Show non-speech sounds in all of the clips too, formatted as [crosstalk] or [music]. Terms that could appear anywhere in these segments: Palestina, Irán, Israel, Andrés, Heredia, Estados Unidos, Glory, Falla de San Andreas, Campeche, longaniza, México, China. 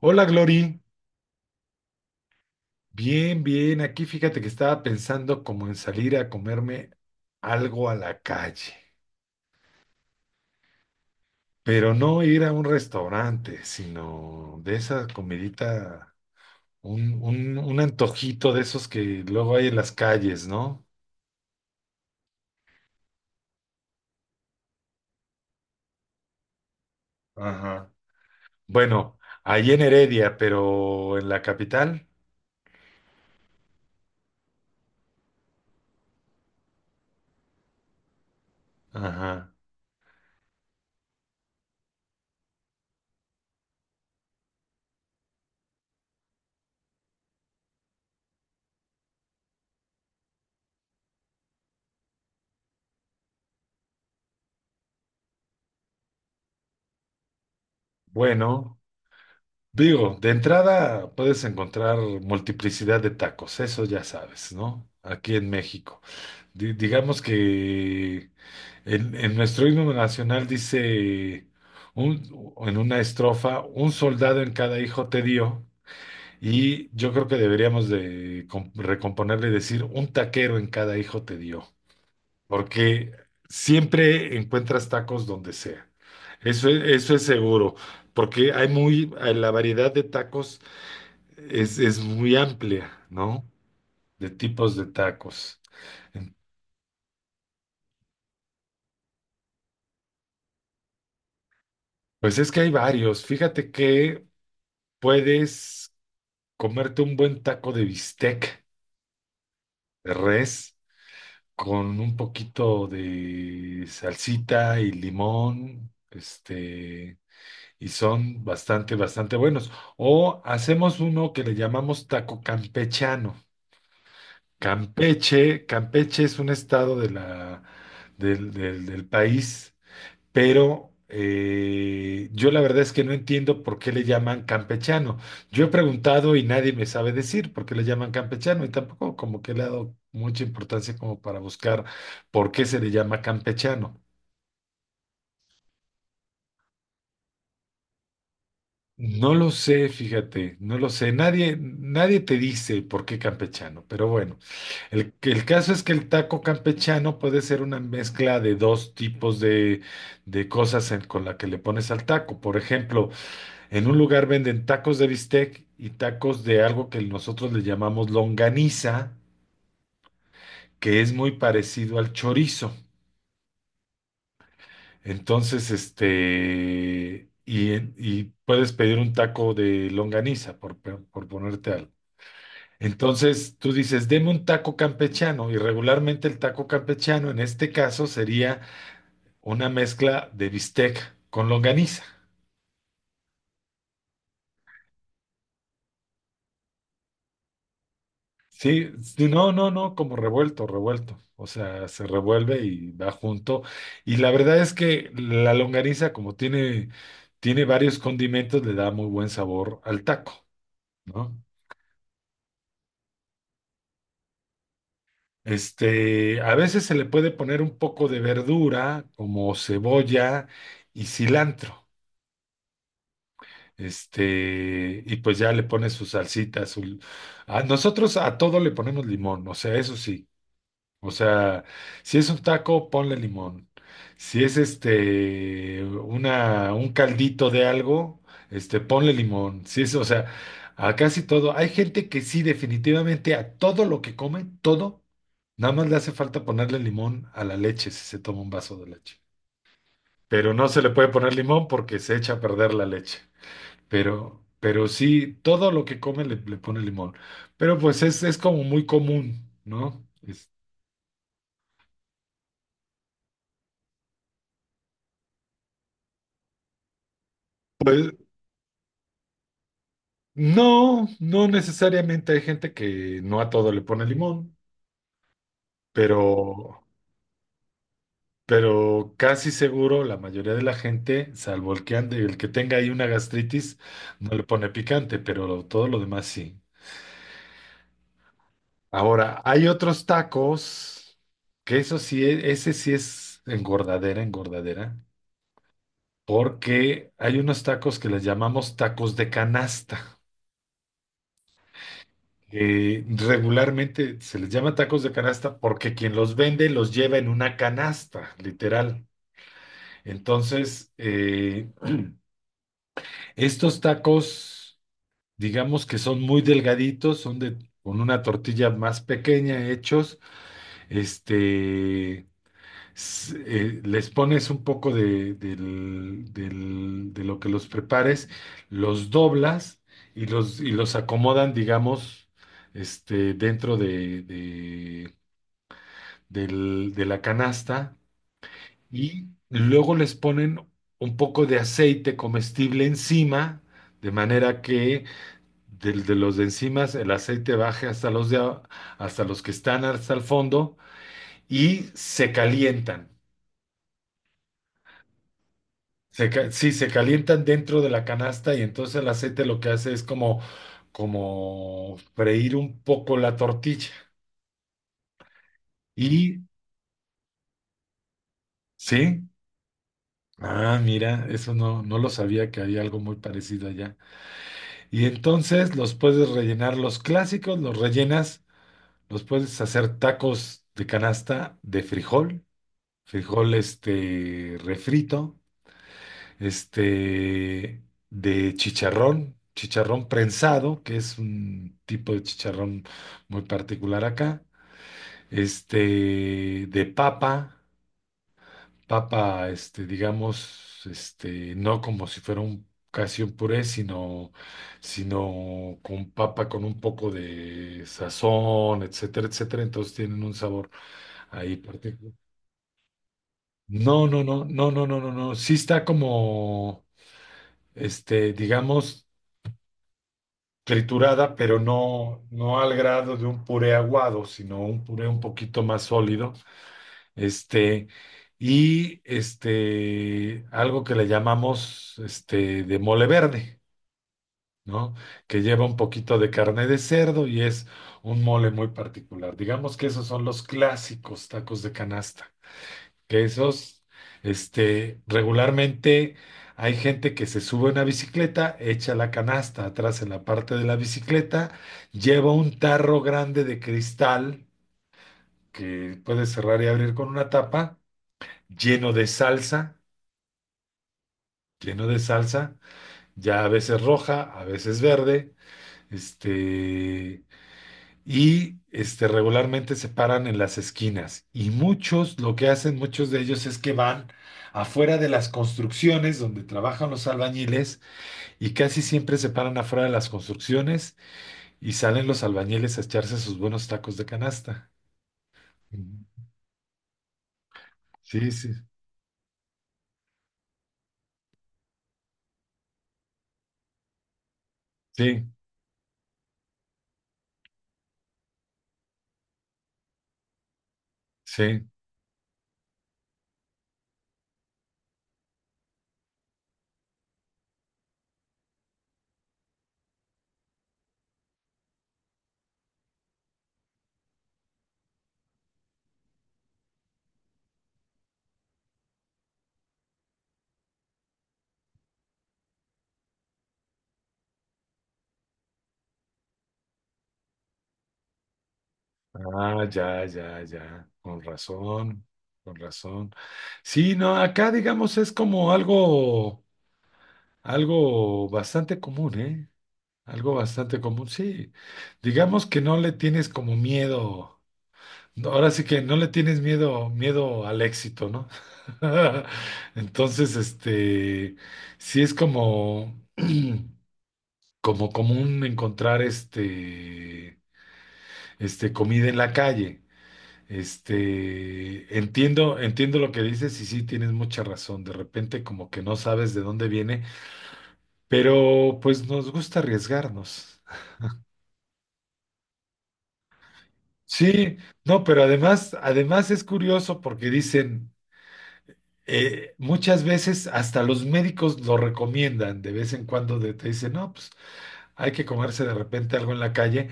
Hola, Glory. Bien, bien. Aquí fíjate que estaba pensando como en salir a comerme algo a la calle, pero no ir a un restaurante, sino de esa comidita, un antojito de esos que luego hay en las calles, ¿no? Ajá. Bueno, ahí en Heredia, pero en la capital. Ajá. Bueno, digo, de entrada puedes encontrar multiplicidad de tacos, eso ya sabes, ¿no? Aquí en México. Digamos que en nuestro himno nacional dice un- en una estrofa, un soldado en cada hijo te dio, y yo creo que deberíamos de recomponerle y decir un taquero en cada hijo te dio, porque siempre encuentras tacos donde sea. Eso es seguro, porque hay muy, la variedad de tacos es muy amplia, ¿no? De tipos de tacos. Pues es que hay varios. Fíjate que puedes comerte un buen taco de bistec de res con un poquito de salsita y limón, y son bastante, bastante buenos. O hacemos uno que le llamamos taco campechano. Campeche, Campeche es un estado de la, del país pero yo la verdad es que no entiendo por qué le llaman campechano. Yo he preguntado y nadie me sabe decir por qué le llaman campechano y tampoco como que le he dado mucha importancia como para buscar por qué se le llama campechano. No lo sé, fíjate, no lo sé. Nadie, nadie te dice por qué campechano, pero bueno, el caso es que el taco campechano puede ser una mezcla de dos tipos de, de cosas con la que le pones al taco. Por ejemplo, en un lugar venden tacos de bistec y tacos de algo que nosotros le llamamos longaniza, que es muy parecido al chorizo. Entonces, y puedes pedir un taco de longaniza, por ponerte algo. Entonces, tú dices, deme un taco campechano, y regularmente el taco campechano en este caso sería una mezcla de bistec con longaniza. Sí, sí, no, no, no, como revuelto, revuelto. O sea, se revuelve y va junto. Y la verdad es que la longaniza, como tiene, tiene varios condimentos, le da muy buen sabor al taco, ¿no? A veces se le puede poner un poco de verdura, como cebolla y cilantro. Y pues ya le pone su salsita, su... A nosotros a todo le ponemos limón, o sea, eso sí. O sea, si es un taco, ponle limón. Si es una un caldito de algo, ponle limón. Si es, o sea, a casi todo. Hay gente que sí, definitivamente a todo lo que come, todo, nada más le hace falta ponerle limón a la leche si se toma un vaso de leche. Pero no se le puede poner limón porque se echa a perder la leche. Pero sí, todo lo que come le pone limón. Pero pues es como muy común, ¿no? No, no necesariamente hay gente que no a todo le pone limón, pero, pero casi seguro la mayoría de la gente, salvo el que ande, el que tenga ahí una gastritis, no le pone picante, pero todo lo demás sí. Ahora, hay otros tacos, que eso sí, ese sí es engordadera, engordadera, porque hay unos tacos que les llamamos tacos de canasta. Regularmente se les llama tacos de canasta porque quien los vende los lleva en una canasta, literal. Entonces, estos tacos, digamos que son muy delgaditos, son de, con una tortilla más pequeña hechos. Este, les pones un poco de, de lo que los prepares, los doblas y y los acomodan, digamos, dentro de, de la canasta y luego les ponen un poco de aceite comestible encima, de manera que los de encima el aceite baje hasta hasta los que están hasta el fondo y se calientan. Sí, se calientan dentro de la canasta y entonces el aceite lo que hace es como, como freír un poco la tortilla. Y sí, ah, mira, eso no, no lo sabía que había algo muy parecido allá. Y entonces los puedes rellenar los clásicos, los rellenas, los puedes hacer tacos de canasta de frijol, frijol refrito, este de chicharrón, chicharrón prensado, que es un tipo de chicharrón muy particular acá, de papa, papa, digamos, no como si fuera un casi un puré, sino, sino con papa con un poco de sazón, etcétera, etcétera. Entonces tienen un sabor ahí particular. No, no, no, no, no, no, no, no. Sí está como, digamos, triturada, pero no, no al grado de un puré aguado, sino un puré un poquito más sólido. Este, algo que le llamamos de mole verde, ¿no? Que lleva un poquito de carne de cerdo y es un mole muy particular. Digamos que esos son los clásicos tacos de canasta, que esos, regularmente hay gente que se sube a una bicicleta, echa la canasta atrás en la parte de la bicicleta, lleva un tarro grande de cristal que puede cerrar y abrir con una tapa lleno de salsa, lleno de salsa, ya a veces roja, a veces verde, este, regularmente se paran en las esquinas. Y muchos, lo que hacen muchos de ellos es que van afuera de las construcciones donde trabajan los albañiles y casi siempre se paran afuera de las construcciones y salen los albañiles a echarse sus buenos tacos de canasta. Ujú. Sí, sí, sí, sí. Ah, ya, ya, ya, con razón, con razón. Sí, no, acá digamos es como algo, algo bastante común, ¿eh? Algo bastante común, sí. Digamos que no le tienes como miedo, no, ahora sí que no le tienes miedo, miedo al éxito, ¿no? [laughs] Entonces, sí es como, [clears throat] como común encontrar comida en la calle. Entiendo, entiendo lo que dices y sí tienes mucha razón. De repente como que no sabes de dónde viene, pero pues nos gusta arriesgarnos. Sí, no, pero además, además es curioso porque dicen, muchas veces hasta los médicos lo recomiendan, de vez en cuando te dicen, no, pues hay que comerse de repente algo en la calle,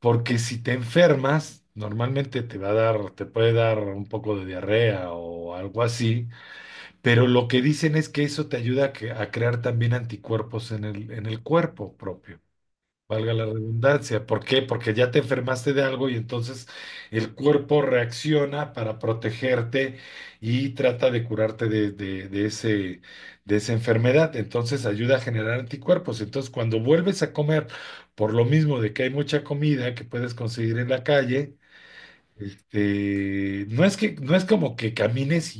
porque si te enfermas, normalmente te va a dar, te puede dar un poco de diarrea o algo así. Pero lo que dicen es que eso te ayuda a, a crear también anticuerpos en en el cuerpo propio, valga la redundancia. ¿Por qué? Porque ya te enfermaste de algo y entonces el cuerpo reacciona para protegerte y trata de curarte de, de ese, de esa enfermedad. Entonces ayuda a generar anticuerpos. Entonces cuando vuelves a comer, por lo mismo de que hay mucha comida que puedes conseguir en la calle, no es que, no es como que camines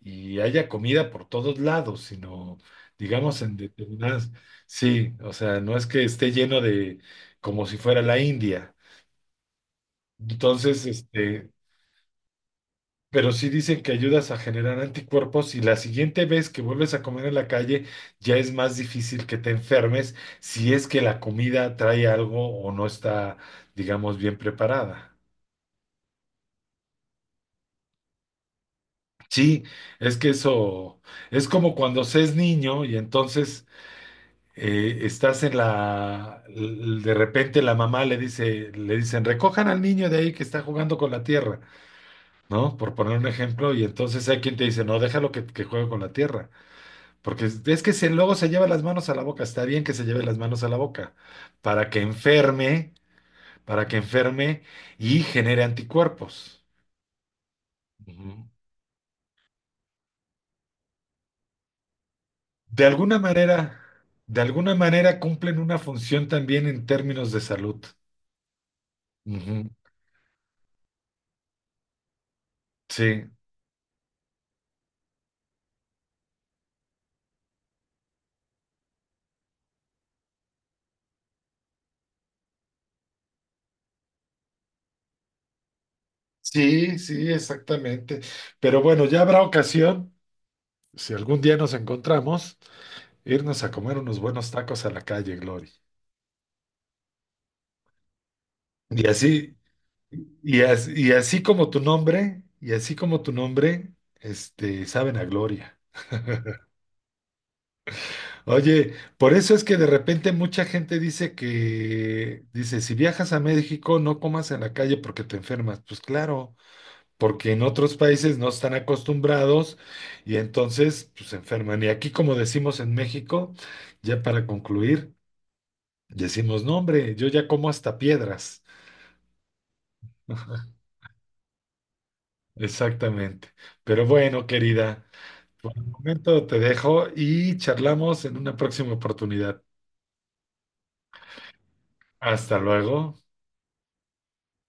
y haya comida por todos lados, sino, digamos, en determinadas, sí, o sea, no es que esté lleno de, como si fuera la India. Entonces, pero sí dicen que ayudas a generar anticuerpos y la siguiente vez que vuelves a comer en la calle ya es más difícil que te enfermes si es que la comida trae algo o no está, digamos, bien preparada. Sí, es que eso es como cuando se es niño y entonces estás en de repente la mamá le dice, le dicen, recojan al niño de ahí que está jugando con la tierra, ¿no? Por poner un ejemplo, y entonces hay quien te dice, no, déjalo que juegue con la tierra, porque es que si luego se lleva las manos a la boca, está bien que se lleve las manos a la boca, para que enferme, para que enferme y genere anticuerpos. Ujú. De alguna manera, de alguna manera cumplen una función también en términos de salud. Ujú. Sí, sí, sí, exactamente. Pero bueno, ya habrá ocasión, si algún día nos encontramos, irnos a comer unos buenos tacos a la calle, Glory. Y así, y así, y así como tu nombre, y así como tu nombre, saben a gloria. Oye, por eso es que de repente mucha gente dice que, dice, si viajas a México, no comas en la calle porque te enfermas. Pues claro. Porque en otros países no están acostumbrados y entonces pues, se enferman. Y aquí, como decimos en México, ya para concluir, decimos, no, hombre, yo ya como hasta piedras. [laughs] Exactamente. Pero bueno, querida, de momento te dejo y charlamos en una próxima oportunidad. Hasta luego.